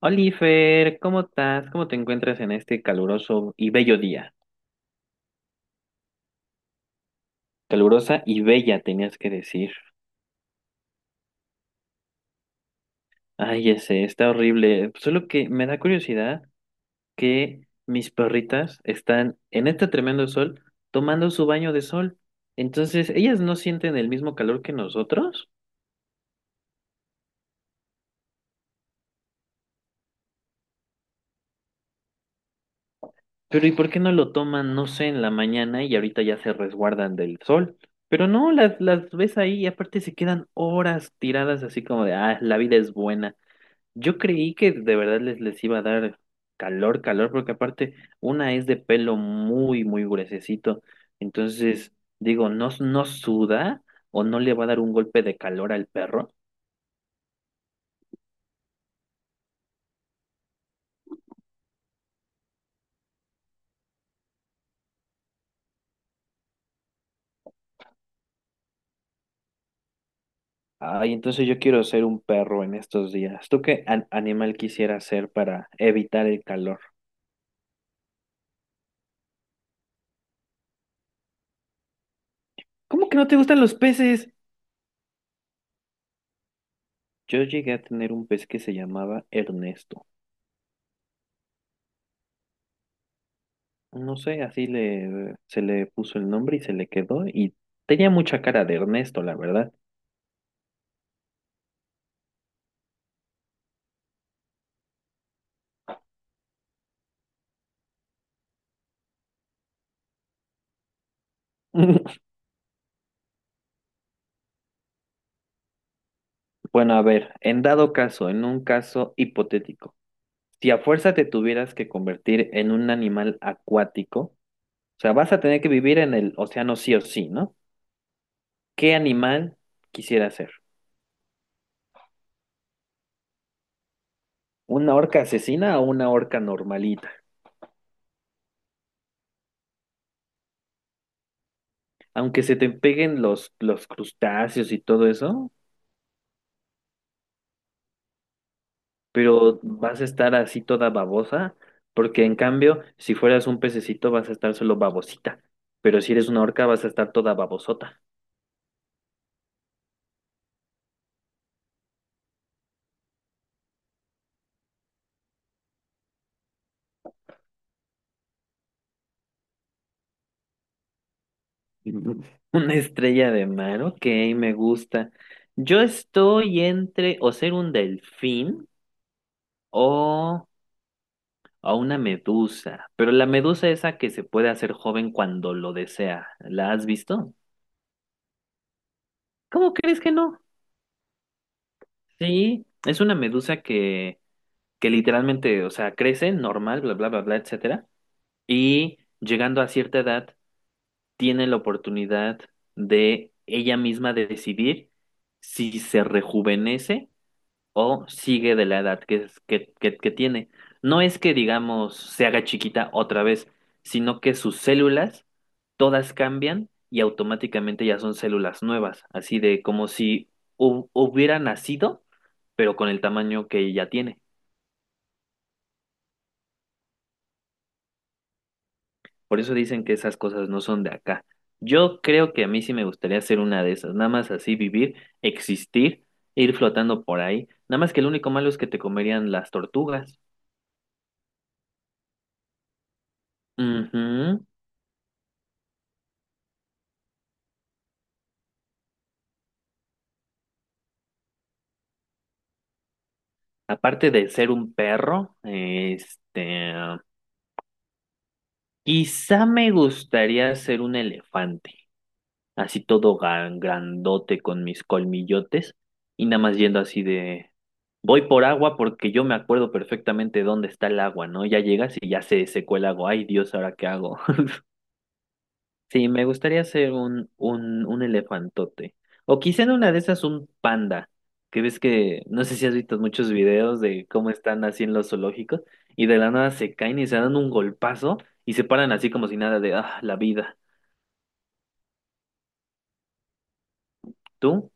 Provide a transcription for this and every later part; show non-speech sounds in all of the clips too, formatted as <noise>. Oliver, ¿cómo estás? ¿Cómo te encuentras en este caluroso y bello día? Calurosa y bella, tenías que decir. Ay, ese está horrible. Solo que me da curiosidad que mis perritas están en este tremendo sol tomando su baño de sol. Entonces, ellas no sienten el mismo calor que nosotros. Pero ¿y por qué no lo toman, no sé, en la mañana y ahorita ya se resguardan del sol? Pero no, las ves ahí y aparte se quedan horas tiradas así como de, ah, la vida es buena. Yo creí que de verdad les iba a dar calor, calor, porque aparte una es de pelo muy, muy gruesecito. Entonces, digo, no, no suda o no le va a dar un golpe de calor al perro. Ay, entonces yo quiero ser un perro en estos días. ¿Tú qué animal quisiera ser para evitar el calor? ¿Cómo que no te gustan los peces? Yo llegué a tener un pez que se llamaba Ernesto. No sé, así le, se le puso el nombre y se le quedó y tenía mucha cara de Ernesto, la verdad. <laughs> Bueno, a ver, en dado caso, en un caso hipotético, si a fuerza te tuvieras que convertir en un animal acuático, o sea, vas a tener que vivir en el océano sí o sí, ¿no? ¿Qué animal quisieras ser? ¿Una orca asesina o una orca normalita? Aunque se te peguen los crustáceos y todo eso, pero vas a estar así toda babosa, porque en cambio, si fueras un pececito vas a estar solo babosita, pero si eres una orca vas a estar toda babosota. <laughs> Una estrella de mar, ok, me gusta. Yo estoy entre o ser un delfín o, o una medusa, pero la medusa esa que se puede hacer joven cuando lo desea, ¿la has visto? ¿Cómo crees que no? Sí, es una medusa que literalmente, o sea, crece normal, bla, bla, bla, bla, etcétera, y llegando a cierta edad tiene la oportunidad de ella misma de decidir si se rejuvenece o sigue de la edad que tiene. No es que, digamos, se haga chiquita otra vez, sino que sus células todas cambian y automáticamente ya son células nuevas, así de como si hubiera nacido, pero con el tamaño que ya tiene. Por eso dicen que esas cosas no son de acá. Yo creo que a mí sí me gustaría ser una de esas, nada más así vivir, existir, ir flotando por ahí. Nada más que el único malo es que te comerían las tortugas. Ujú. Aparte de ser un perro, este, quizá me gustaría ser un elefante, así todo grandote con mis colmillotes y nada más yendo así de, voy por agua porque yo me acuerdo perfectamente dónde está el agua, ¿no? Ya llegas y ya se secó el agua, ay Dios, ¿ahora qué hago? Sí, me gustaría ser un, elefantote. O quizá en una de esas un panda. Que ves que, no sé si has visto muchos videos de cómo están así en los zoológicos y de la nada se caen y se dan un golpazo y se paran así como si nada de, ah, la vida. ¿Tú?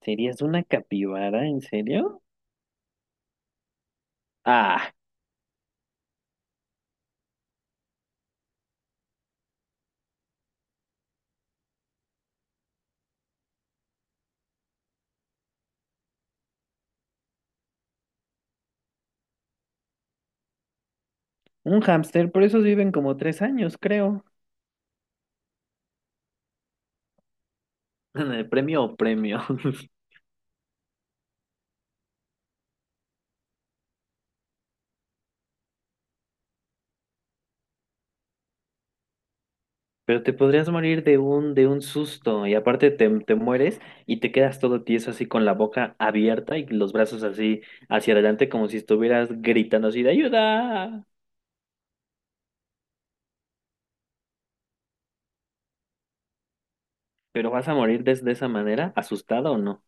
¿Serías una capibara, en serio? Ah, un hámster, por esos viven como tres años, creo. <laughs> ¿Premio o premio? <laughs> Pero te podrías morir de un susto y aparte te, mueres y te quedas todo tieso así con la boca abierta y los brazos así hacia adelante como si estuvieras gritando así de ayuda. Pero vas a morir de esa manera, asustado o no.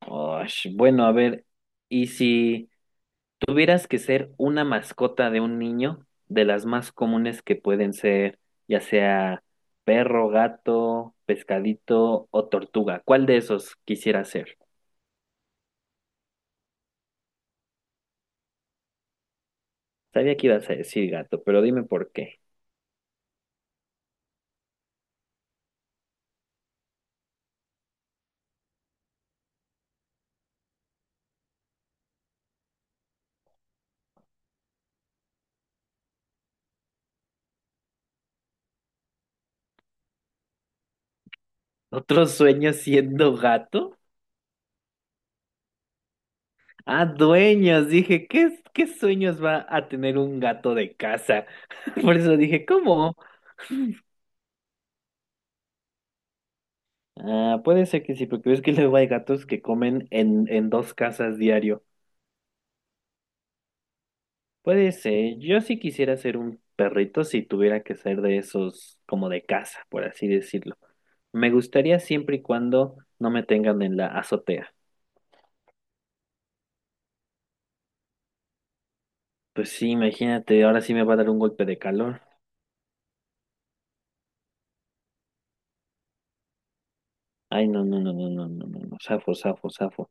Osh, bueno, a ver, ¿y si tuvieras que ser una mascota de un niño, de las más comunes que pueden ser, ya sea perro, gato, pescadito o tortuga, ¿cuál de esos quisieras ser? Sabía que ibas a decir gato, pero dime por qué. ¿Otro sueño siendo gato? Ah, dueños. Dije, ¿qué sueños va a tener un gato de casa? <laughs> Por eso dije, ¿cómo? Ah, puede ser que sí, porque ves que luego hay gatos que comen en dos casas diario. Puede ser. Yo sí quisiera ser un perrito si tuviera que ser de esos como de casa, por así decirlo. Me gustaría siempre y cuando no me tengan en la azotea. Pues sí, imagínate, ahora sí me va a dar un golpe de calor. Ay, no, no, no, no, no, no, no, no. Safo, safo, safo.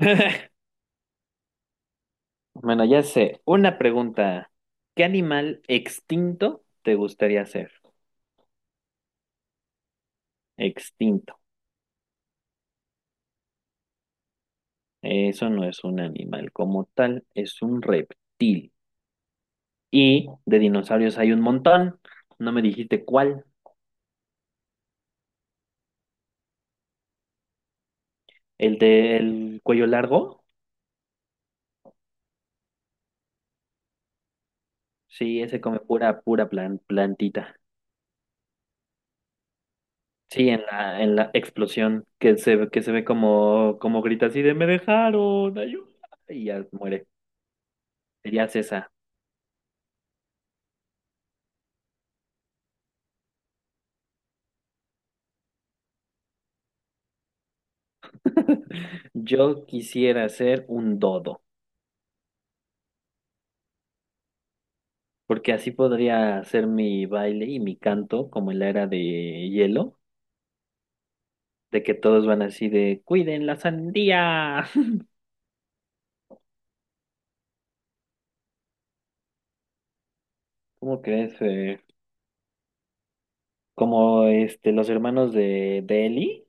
<laughs> Bueno, ya sé. Una pregunta. ¿Qué animal extinto te gustaría ser? Extinto. Eso no es un animal como tal, es un reptil. Y de dinosaurios hay un montón. No me dijiste cuál. ¿El del cuello largo? Sí, ese come pura, pura plantita. Sí, en la explosión que se ve como grita así de me dejaron, ayuda. Y ya muere. Serías esa. <laughs> Yo quisiera ser un dodo, porque así podría hacer mi baile y mi canto como en la era de hielo, de que todos van así de cuiden la sandía. <laughs> ¿Cómo crees? ¿Eh? Como este los hermanos de Ellie.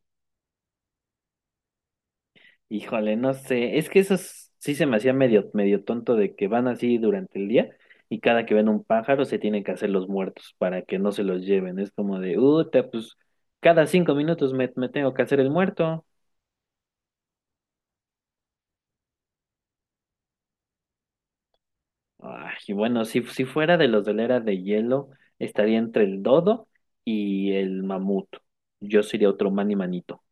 Híjole, no sé, es que eso sí se me hacía medio, medio tonto de que van así durante el día y cada que ven un pájaro se tienen que hacer los muertos para que no se los lleven. Es como de, uta, pues cada cinco minutos me tengo que hacer el muerto. Ay, y bueno, si fuera de los de la era de hielo, estaría entre el dodo y el mamut. Yo sería otro manito.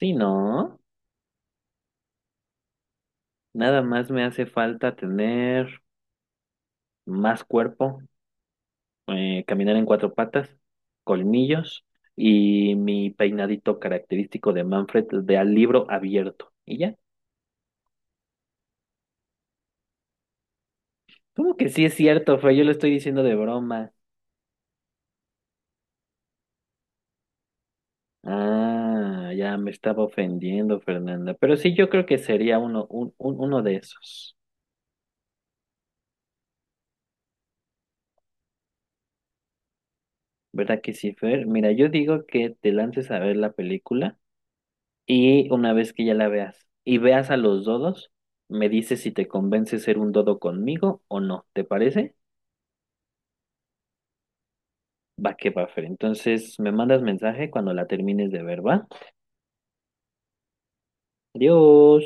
Sí, no, nada más me hace falta tener más cuerpo caminar en cuatro patas, colmillos y mi peinadito característico de Manfred de al libro abierto. ¿Y ya? ¿Cómo que sí es cierto, Fue Yo lo estoy diciendo de broma. Ah, ya me estaba ofendiendo, Fernanda. Pero sí, yo creo que sería uno de esos. ¿Verdad que sí, Fer? Mira, yo digo que te lances a ver la película y una vez que ya la veas y veas a los dodos, me dices si te convence ser un dodo conmigo o no. ¿Te parece? Va que va, Fer. Entonces me mandas mensaje cuando la termines de ver, ¿va? Adiós.